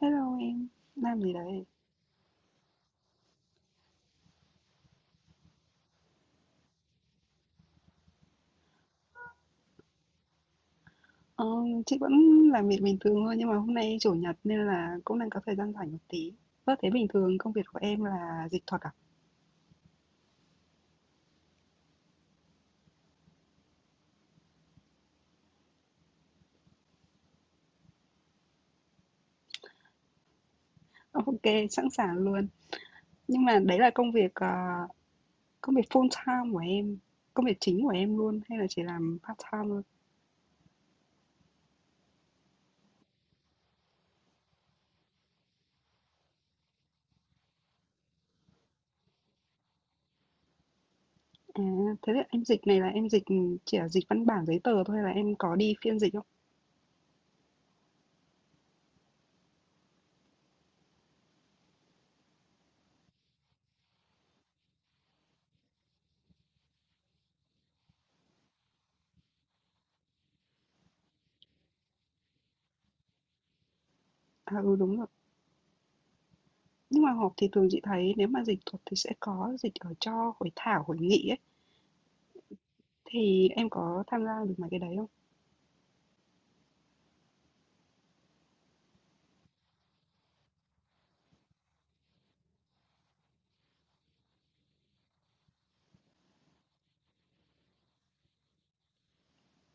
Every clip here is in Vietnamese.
Hello em, làm gì đấy? Ờ, chị vẫn làm việc bình thường thôi nhưng mà hôm nay chủ nhật nên là cũng đang có thời gian rảnh một tí. Ơ thế bình thường công việc của em là dịch thuật à? Ờ, Ok, sẵn sàng luôn. Nhưng mà đấy là công việc full time của em, công việc chính của em luôn hay là chỉ làm part time thôi? À, thế là em dịch này là em dịch chỉ là dịch văn bản giấy tờ thôi hay là em có đi phiên dịch không? À ừ đúng rồi. Nhưng mà họp thì thường chị thấy nếu mà dịch thuật thì sẽ có dịch ở cho hội thảo, hội nghị ấy. Thì em có tham gia được mấy cái đấy không?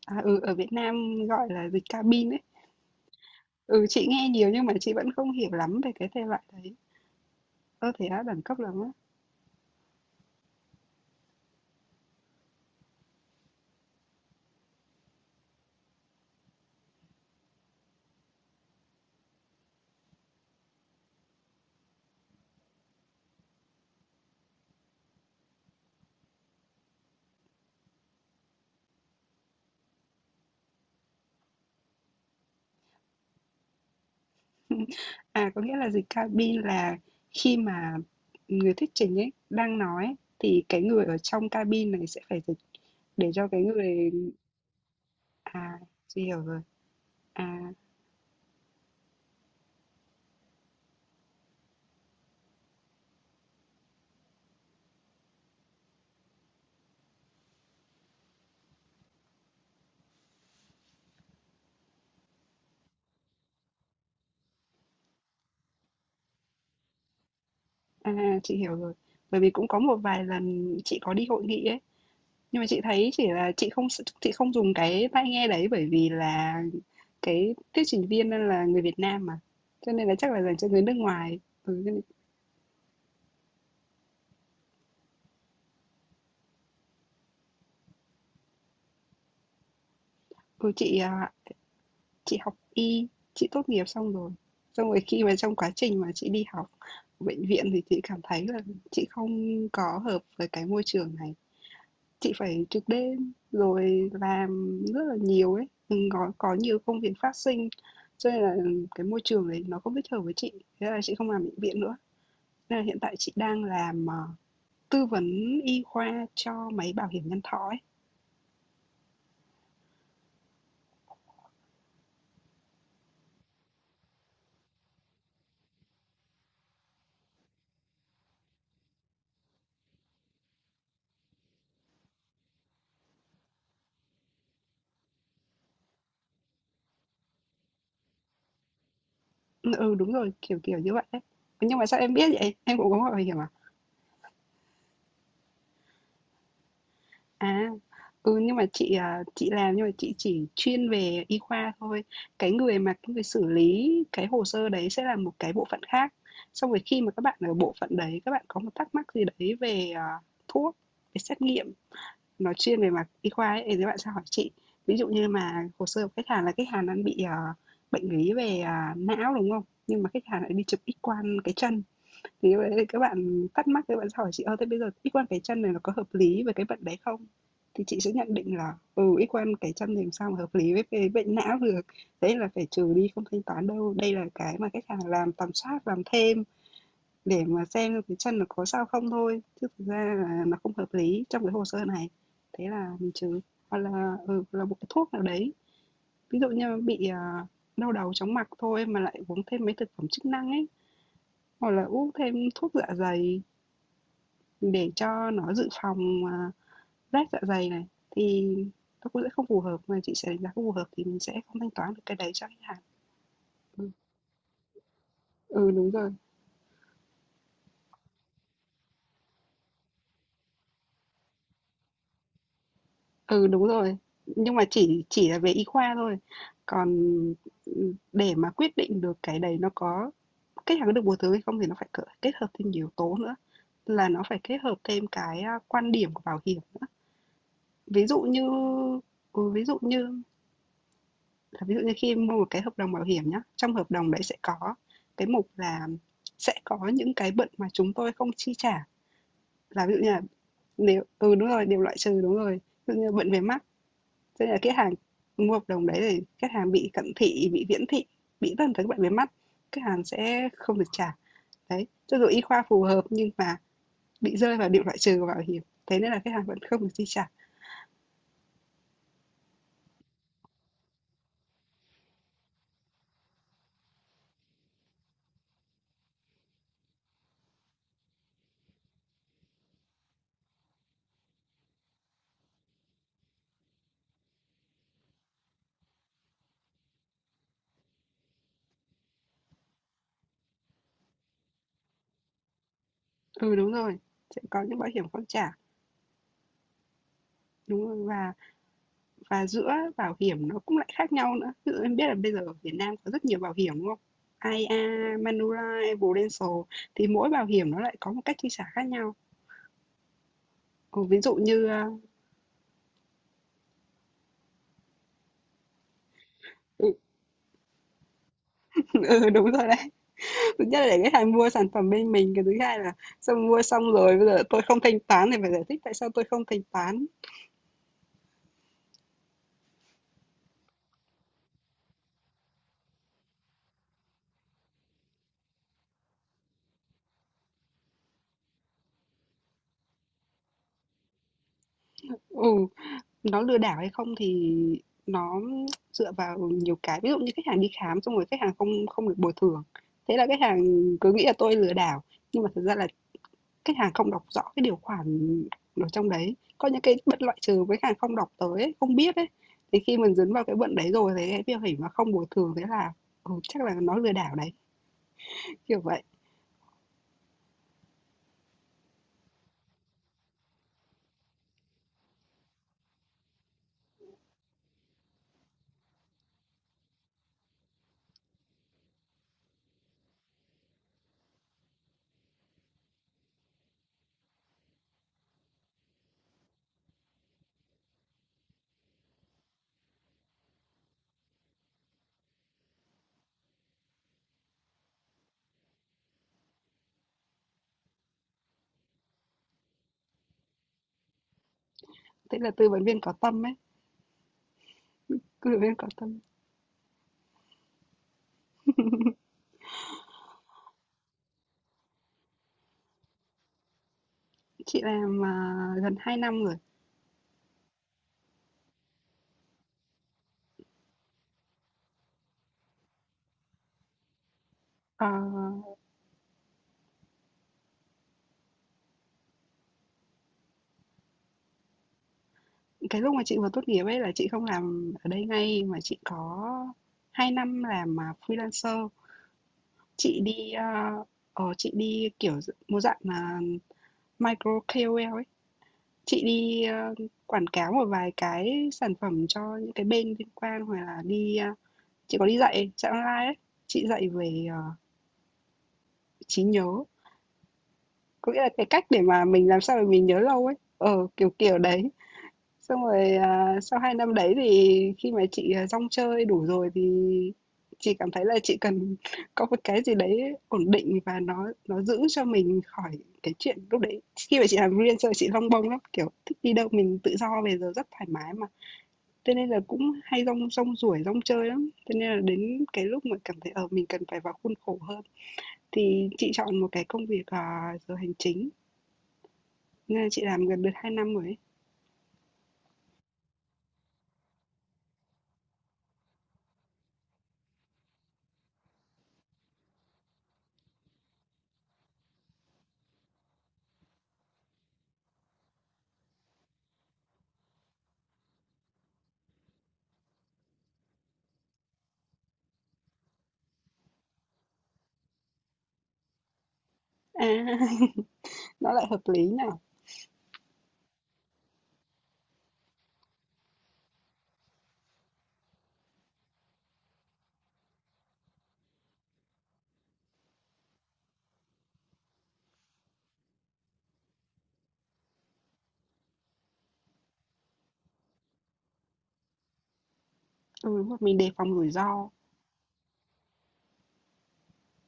À, ừ, ở Việt Nam gọi là dịch cabin ấy. Ừ, chị nghe nhiều nhưng mà chị vẫn không hiểu lắm về cái thể loại đấy. Ơ thế á, đẳng cấp lắm á. À, có nghĩa là dịch cabin là khi mà người thuyết trình ấy đang nói ấy, thì cái người ở trong cabin này sẽ phải dịch để cho cái người. À, chị hiểu rồi. À, à, chị hiểu rồi. Bởi vì cũng có một vài lần chị có đi hội nghị ấy. Nhưng mà chị thấy chỉ là chị không dùng cái tai nghe đấy, bởi vì là cái thuyết trình viên là người Việt Nam mà, cho nên là chắc là dành cho người nước ngoài. Ừ, cho nên ừ, chị, à, chị học y, chị tốt nghiệp xong rồi. Xong rồi khi mà trong quá trình mà chị đi học ở bệnh viện thì chị cảm thấy là chị không có hợp với cái môi trường này. Chị phải trực đêm rồi làm rất là nhiều ấy, có nhiều công việc phát sinh, cho nên là cái môi trường đấy nó không thích hợp với chị, thế là chị không làm bệnh viện nữa. Nên là hiện tại chị đang làm, tư vấn y khoa cho mấy bảo hiểm nhân thọ ấy. Ừ, ừ, đúng rồi, kiểu kiểu như vậy ấy. Nhưng mà sao em biết vậy? Em cũng có gọi bảo hiểm à? À, ừ, nhưng mà chị làm, nhưng mà chị chỉ chuyên về y khoa thôi. Cái người xử lý cái hồ sơ đấy sẽ là một cái bộ phận khác. Xong rồi khi mà các bạn ở bộ phận đấy, các bạn có một thắc mắc gì đấy về thuốc, về xét nghiệm, nói chuyên về mặt y khoa ấy, thì các bạn sẽ hỏi chị. Ví dụ như mà hồ sơ của khách hàng là khách hàng đang bị, bệnh lý về, não, đúng không? Nhưng mà khách hàng lại đi chụp X-quang cái chân, thì các bạn thắc mắc, các bạn sẽ hỏi chị: "Ơ, thế bây giờ X-quang cái chân này nó có hợp lý với cái bệnh đấy không?" Thì chị sẽ nhận định là, X-quang cái chân thì làm sao mà hợp lý với cái bệnh não được, đấy là phải trừ đi, không thanh toán đâu. Đây là cái mà khách hàng làm tầm soát, làm thêm để mà xem cái chân nó có sao không thôi, chứ thực ra là nó không hợp lý trong cái hồ sơ này, thế là mình trừ. Hoặc là là một cái thuốc nào đấy, ví dụ như bị đau đầu chóng mặt thôi mà lại uống thêm mấy thực phẩm chức năng ấy, hoặc là uống thêm thuốc dạ dày để cho nó dự phòng rách dạ dày này, thì nó cũng sẽ không phù hợp, mà chị sẽ đánh giá không phù hợp thì mình sẽ không thanh toán được cái đấy cho khách hàng. Ừ. Ừ đúng rồi. Ừ, đúng rồi. Nhưng mà chỉ là về y khoa thôi. Còn, để mà quyết định được cái đấy nó có khách hàng có được bồi thường hay không thì nó phải cỡ kết hợp thêm nhiều yếu tố nữa, là nó phải kết hợp thêm cái, quan điểm của bảo hiểm nữa. Ví dụ như ừ, ví dụ như ví dụ như khi mua một cái hợp đồng bảo hiểm nhá, trong hợp đồng đấy sẽ có cái mục là sẽ có những cái bệnh mà chúng tôi không chi trả, là ví dụ như là đúng rồi, đều loại trừ, đúng rồi. Ví dụ như là bệnh về mắt. Cho nên là khách hàng mua hợp đồng đấy thì khách hàng bị cận thị, bị viễn thị, bị tất cả các bệnh về mắt, khách hàng sẽ không được trả. Đấy, cho dù y khoa phù hợp nhưng mà bị rơi vào điểm loại trừ của bảo hiểm, thế nên là khách hàng vẫn không được chi trả. Ừ đúng rồi, sẽ có những bảo hiểm không trả. Đúng rồi, và giữa bảo hiểm nó cũng lại khác nhau nữa. Ví dụ em biết là bây giờ ở Việt Nam có rất nhiều bảo hiểm đúng không? I a Manulife, Prudential, thì mỗi bảo hiểm nó lại có một cách chi trả khác nhau. Ừ, ví dụ như ừ, ừ, đúng rồi đấy, thứ nhất là để khách hàng mua sản phẩm bên mình, cái thứ hai là xong mua xong rồi bây giờ tôi không thanh toán thì phải giải thích tại sao tôi không thanh toán. Ừ, nó lừa đảo hay không thì nó dựa vào nhiều cái, ví dụ như khách hàng đi khám xong rồi khách hàng không không được bồi thường, thế là khách hàng cứ nghĩ là tôi lừa đảo, nhưng mà thật ra là khách hàng không đọc rõ cái điều khoản, ở trong đấy có những cái bất loại trừ với khách hàng không đọc tới ấy, không biết ấy, thì khi mình dấn vào cái bận đấy rồi thì cái việc hỉ mà không bồi thường, thế là chắc là nó lừa đảo đấy, kiểu vậy. Thế là tư vấn viên có tâm ấy, tư vấn viên có tâm. Chị làm, gần 2 năm rồi. Ờ, cái lúc mà chị vừa tốt nghiệp ấy là chị không làm ở đây ngay mà chị có 2 năm làm, freelancer. Chị đi, a, ờ, chị đi, kiểu, một dạng là micro KOL ấy. Chị đi, quảng cáo một vài cái sản phẩm cho những cái bên liên quan, hoặc là đi, a chị có đi dạy dạy online ấy. Chị dạy về, trí nhớ, có nghĩa là cái cách để mà mình làm sao để mình nhớ lâu ấy, kiểu đấy. Xong rồi, sau 2 năm đấy thì khi mà chị rong chơi đủ rồi thì chị cảm thấy là chị cần có một cái gì đấy ổn định, và nó giữ cho mình khỏi cái chuyện lúc đấy, khi mà chị làm freelancer chị lông bông lắm, kiểu, thích đi đâu mình tự do về giờ rất thoải mái mà. Thế nên là cũng hay rong rong ruổi, rong chơi lắm, thế nên là đến cái lúc mà cảm thấy, mình cần phải vào khuôn khổ hơn thì chị chọn một cái công việc, giờ hành chính. Na, chị làm gần được 2 năm rồi ấy. À, nó lại hợp lý nhỉ? Ừ, mình đề phòng rủi ro.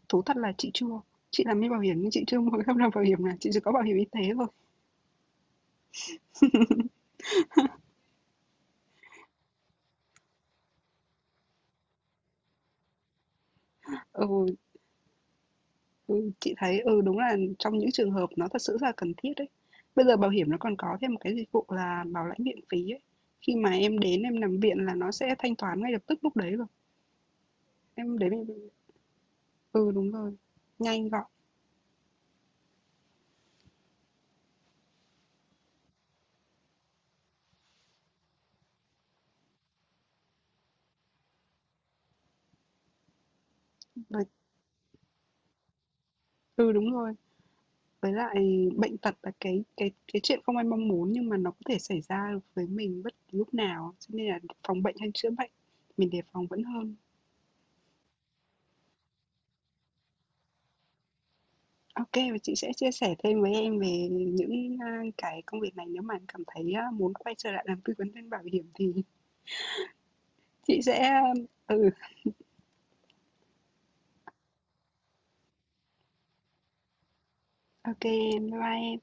Thú thật là chị chưa. Chị làm mấy bảo hiểm nhưng chị chưa mua cái hợp đồng bảo hiểm nào, chị chỉ có bảo hiểm y tế thôi. Ừ, ừ, chị thấy đúng là trong những trường hợp nó thật sự rất là cần thiết đấy. Bây giờ bảo hiểm nó còn có thêm một cái dịch vụ là bảo lãnh viện phí ấy. Khi mà em đến em nằm viện là nó sẽ thanh toán ngay lập tức lúc đấy rồi. Em đến em- ừ đúng rồi. Nhanh gọn. Ừ đúng rồi. Với lại bệnh tật là cái chuyện không ai mong muốn, nhưng mà nó có thể xảy ra với mình bất cứ lúc nào, cho nên là phòng bệnh hay chữa bệnh, mình đề phòng vẫn hơn. Ok, và chị sẽ chia sẻ thêm với em về những, cái công việc này nếu mà em cảm thấy, muốn quay trở lại làm tư vấn viên bảo hiểm thì chị sẽ, ừ, ô kê, bye bye em.